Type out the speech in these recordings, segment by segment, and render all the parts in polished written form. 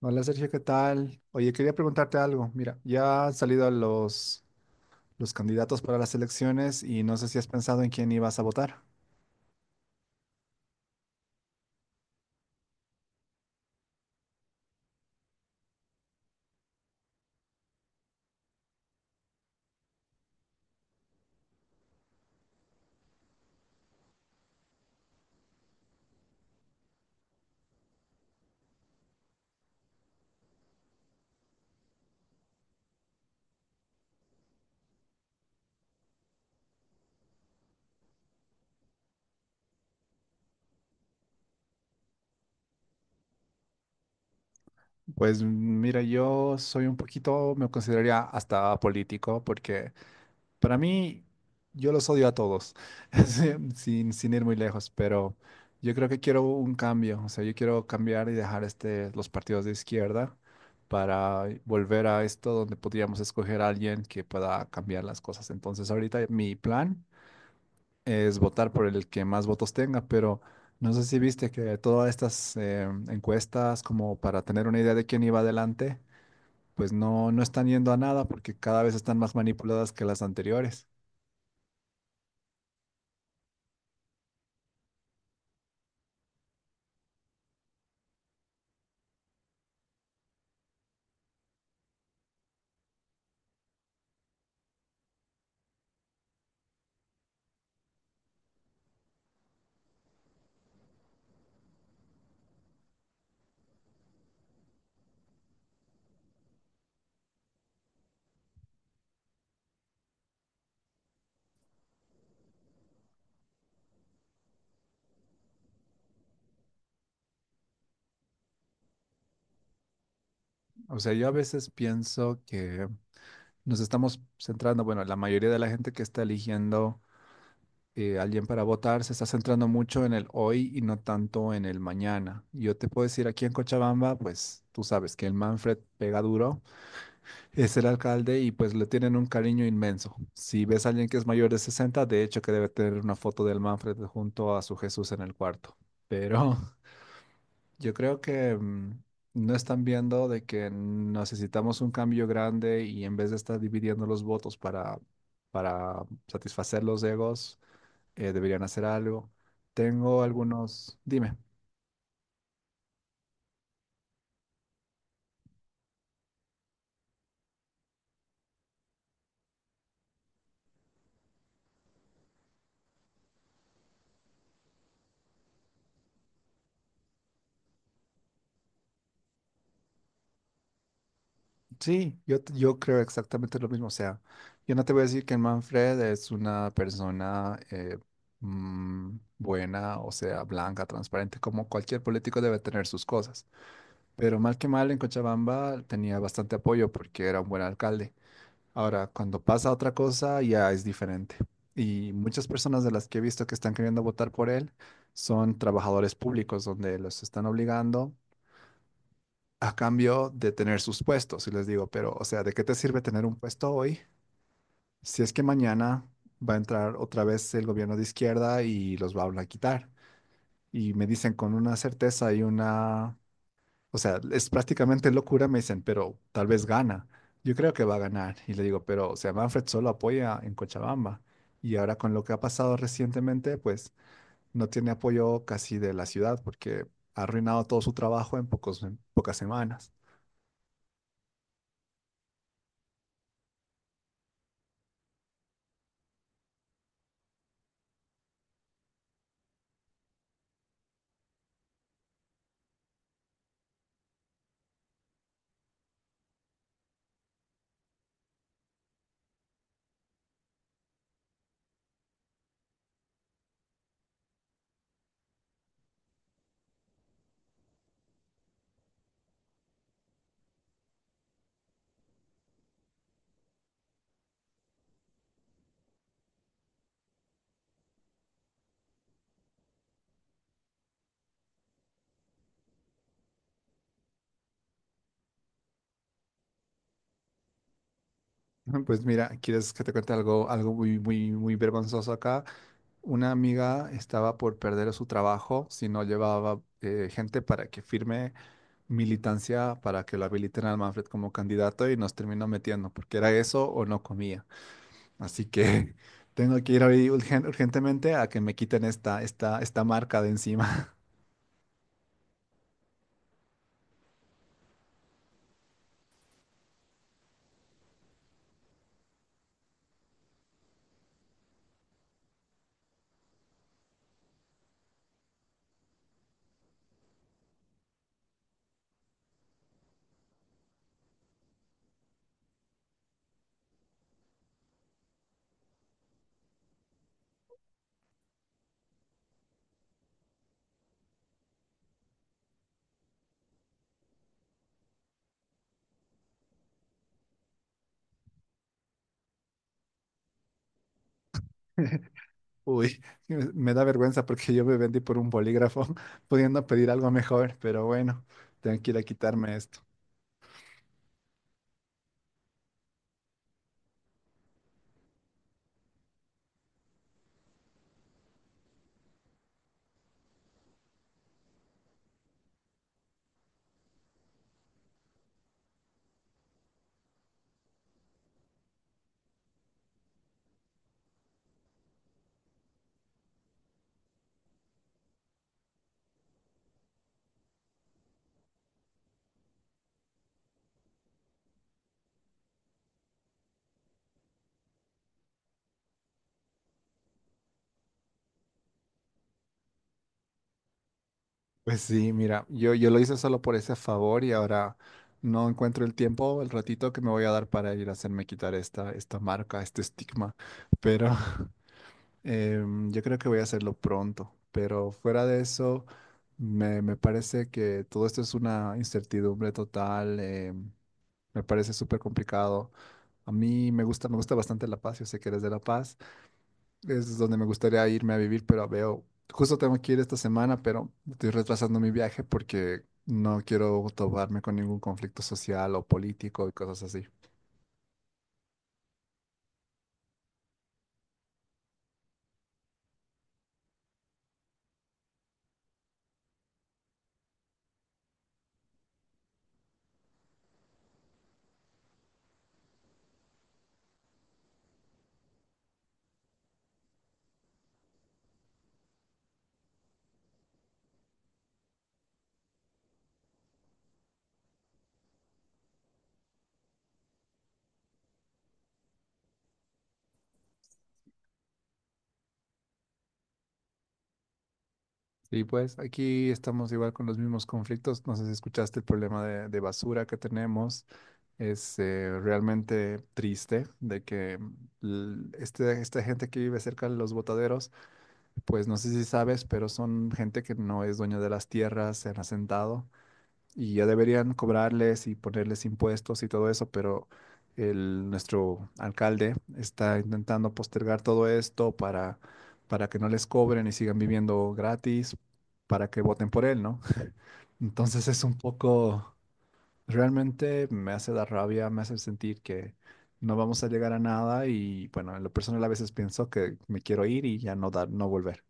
Hola Sergio, ¿qué tal? Oye, quería preguntarte algo. Mira, ya han salido los candidatos para las elecciones y no sé si has pensado en quién ibas a votar. Pues mira, yo soy un poquito, me consideraría hasta político porque para mí, yo los odio a todos, sí, sin ir muy lejos, pero yo creo que quiero un cambio, o sea, yo quiero cambiar y dejar este, los partidos de izquierda para volver a esto donde podríamos escoger a alguien que pueda cambiar las cosas. Entonces, ahorita mi plan es votar por el que más votos tenga, pero no sé si viste que todas estas encuestas, como para tener una idea de quién iba adelante, pues no, no están yendo a nada porque cada vez están más manipuladas que las anteriores. O sea, yo a veces pienso que nos estamos centrando, bueno, la mayoría de la gente que está eligiendo alguien para votar se está centrando mucho en el hoy y no tanto en el mañana. Yo te puedo decir aquí en Cochabamba, pues tú sabes que el Manfred pega duro, es el alcalde y pues le tienen un cariño inmenso. Si ves a alguien que es mayor de 60, de hecho que debe tener una foto del Manfred junto a su Jesús en el cuarto. Pero yo creo que no están viendo de que necesitamos un cambio grande y en vez de estar dividiendo los votos para satisfacer los egos, deberían hacer algo. Tengo algunos, dime, sí, yo creo exactamente lo mismo. O sea, yo no te voy a decir que Manfred es una persona mm, buena, o sea, blanca, transparente, como cualquier político debe tener sus cosas. Pero mal que mal en Cochabamba tenía bastante apoyo porque era un buen alcalde. Ahora, cuando pasa otra cosa, ya es diferente. Y muchas personas de las que he visto que están queriendo votar por él son trabajadores públicos, donde los están obligando a cambio de tener sus puestos. Y les digo, pero, o sea, ¿de qué te sirve tener un puesto hoy si es que mañana va a entrar otra vez el gobierno de izquierda y los va a quitar? Y me dicen con una certeza y una, o sea, es prácticamente locura, me dicen, pero tal vez gana. Yo creo que va a ganar. Y le digo, pero, o sea, Manfred solo apoya en Cochabamba. Y ahora con lo que ha pasado recientemente, pues no tiene apoyo casi de la ciudad porque ha arruinado todo su trabajo en pocas semanas. Pues mira, ¿quieres que te cuente algo, algo muy, muy, muy vergonzoso acá? Una amiga estaba por perder su trabajo si no llevaba gente para que firme militancia para que lo habiliten al Manfred como candidato y nos terminó metiendo, porque era eso o no comía. Así que tengo que ir hoy urgentemente a que me quiten esta marca de encima. Uy, me da vergüenza porque yo me vendí por un bolígrafo pudiendo pedir algo mejor, pero bueno, tengo que ir a quitarme esto. Pues sí, mira, yo lo hice solo por ese favor y ahora no encuentro el tiempo, el ratito que me voy a dar para ir a hacerme quitar esta marca, este estigma, pero Yo creo que voy a hacerlo pronto, pero fuera de eso, me parece que todo esto es una incertidumbre total, me parece súper complicado. A mí me gusta bastante La Paz, yo sé que eres de La Paz, es donde me gustaría irme a vivir, pero veo, justo tengo que ir esta semana, pero estoy retrasando mi viaje porque no quiero toparme con ningún conflicto social o político y cosas así. Y pues aquí estamos igual con los mismos conflictos. No sé si escuchaste el problema de basura que tenemos. Es realmente triste de que esta gente que vive cerca de los botaderos, pues no sé si sabes, pero son gente que no es dueña de las tierras, se han asentado y ya deberían cobrarles y ponerles impuestos y todo eso, pero el, nuestro alcalde está intentando postergar todo esto para que no les cobren y sigan viviendo gratis, para que voten por él, ¿no? Entonces es un poco. Realmente me hace dar rabia, me hace sentir que no vamos a llegar a nada y bueno, en lo personal a veces pienso que me quiero ir y ya no dar, no volver.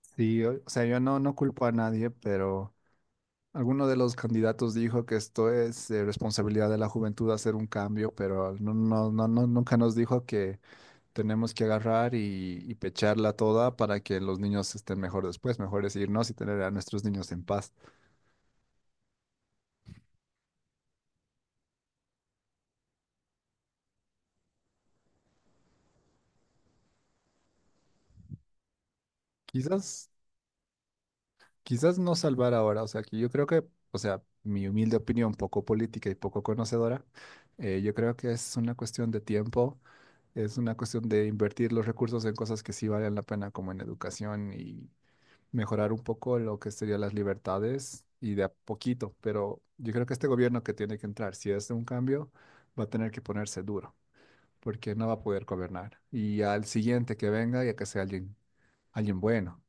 Sí, o sea, yo no, no culpo a nadie, pero alguno de los candidatos dijo que esto es responsabilidad de la juventud hacer un cambio, pero no, no, no, no, nunca nos dijo que tenemos que agarrar y pecharla toda para que los niños estén mejor después. Mejor es irnos y tener a nuestros niños en paz. Quizás Quizás no salvar ahora, o sea, que yo creo que, o sea, mi humilde opinión, poco política y poco conocedora, yo creo que es una cuestión de tiempo, es una cuestión de invertir los recursos en cosas que sí valen la pena, como en educación y mejorar un poco lo que serían las libertades y de a poquito, pero yo creo que este gobierno que tiene que entrar, si es de un cambio, va a tener que ponerse duro, porque no va a poder gobernar. Y al siguiente que venga, ya que sea alguien, alguien bueno.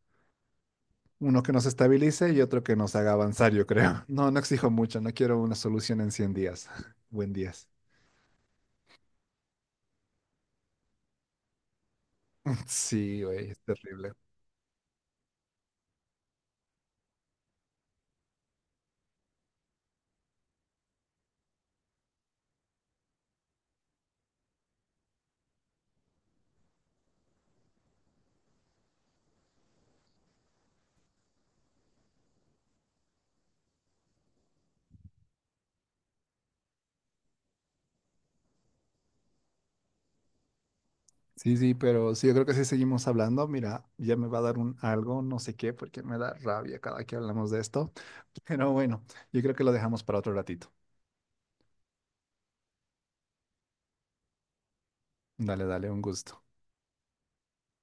Uno que nos estabilice y otro que nos haga avanzar, yo creo. No, no exijo mucho, no quiero una solución en 100 días. Buen días. Sí, güey, es terrible. Sí, sí, pero sí, yo creo que si seguimos hablando, mira, ya me va a dar un algo, no sé qué, porque me da rabia cada que hablamos de esto. Pero bueno, yo creo que lo dejamos para otro ratito. Dale, dale, un gusto.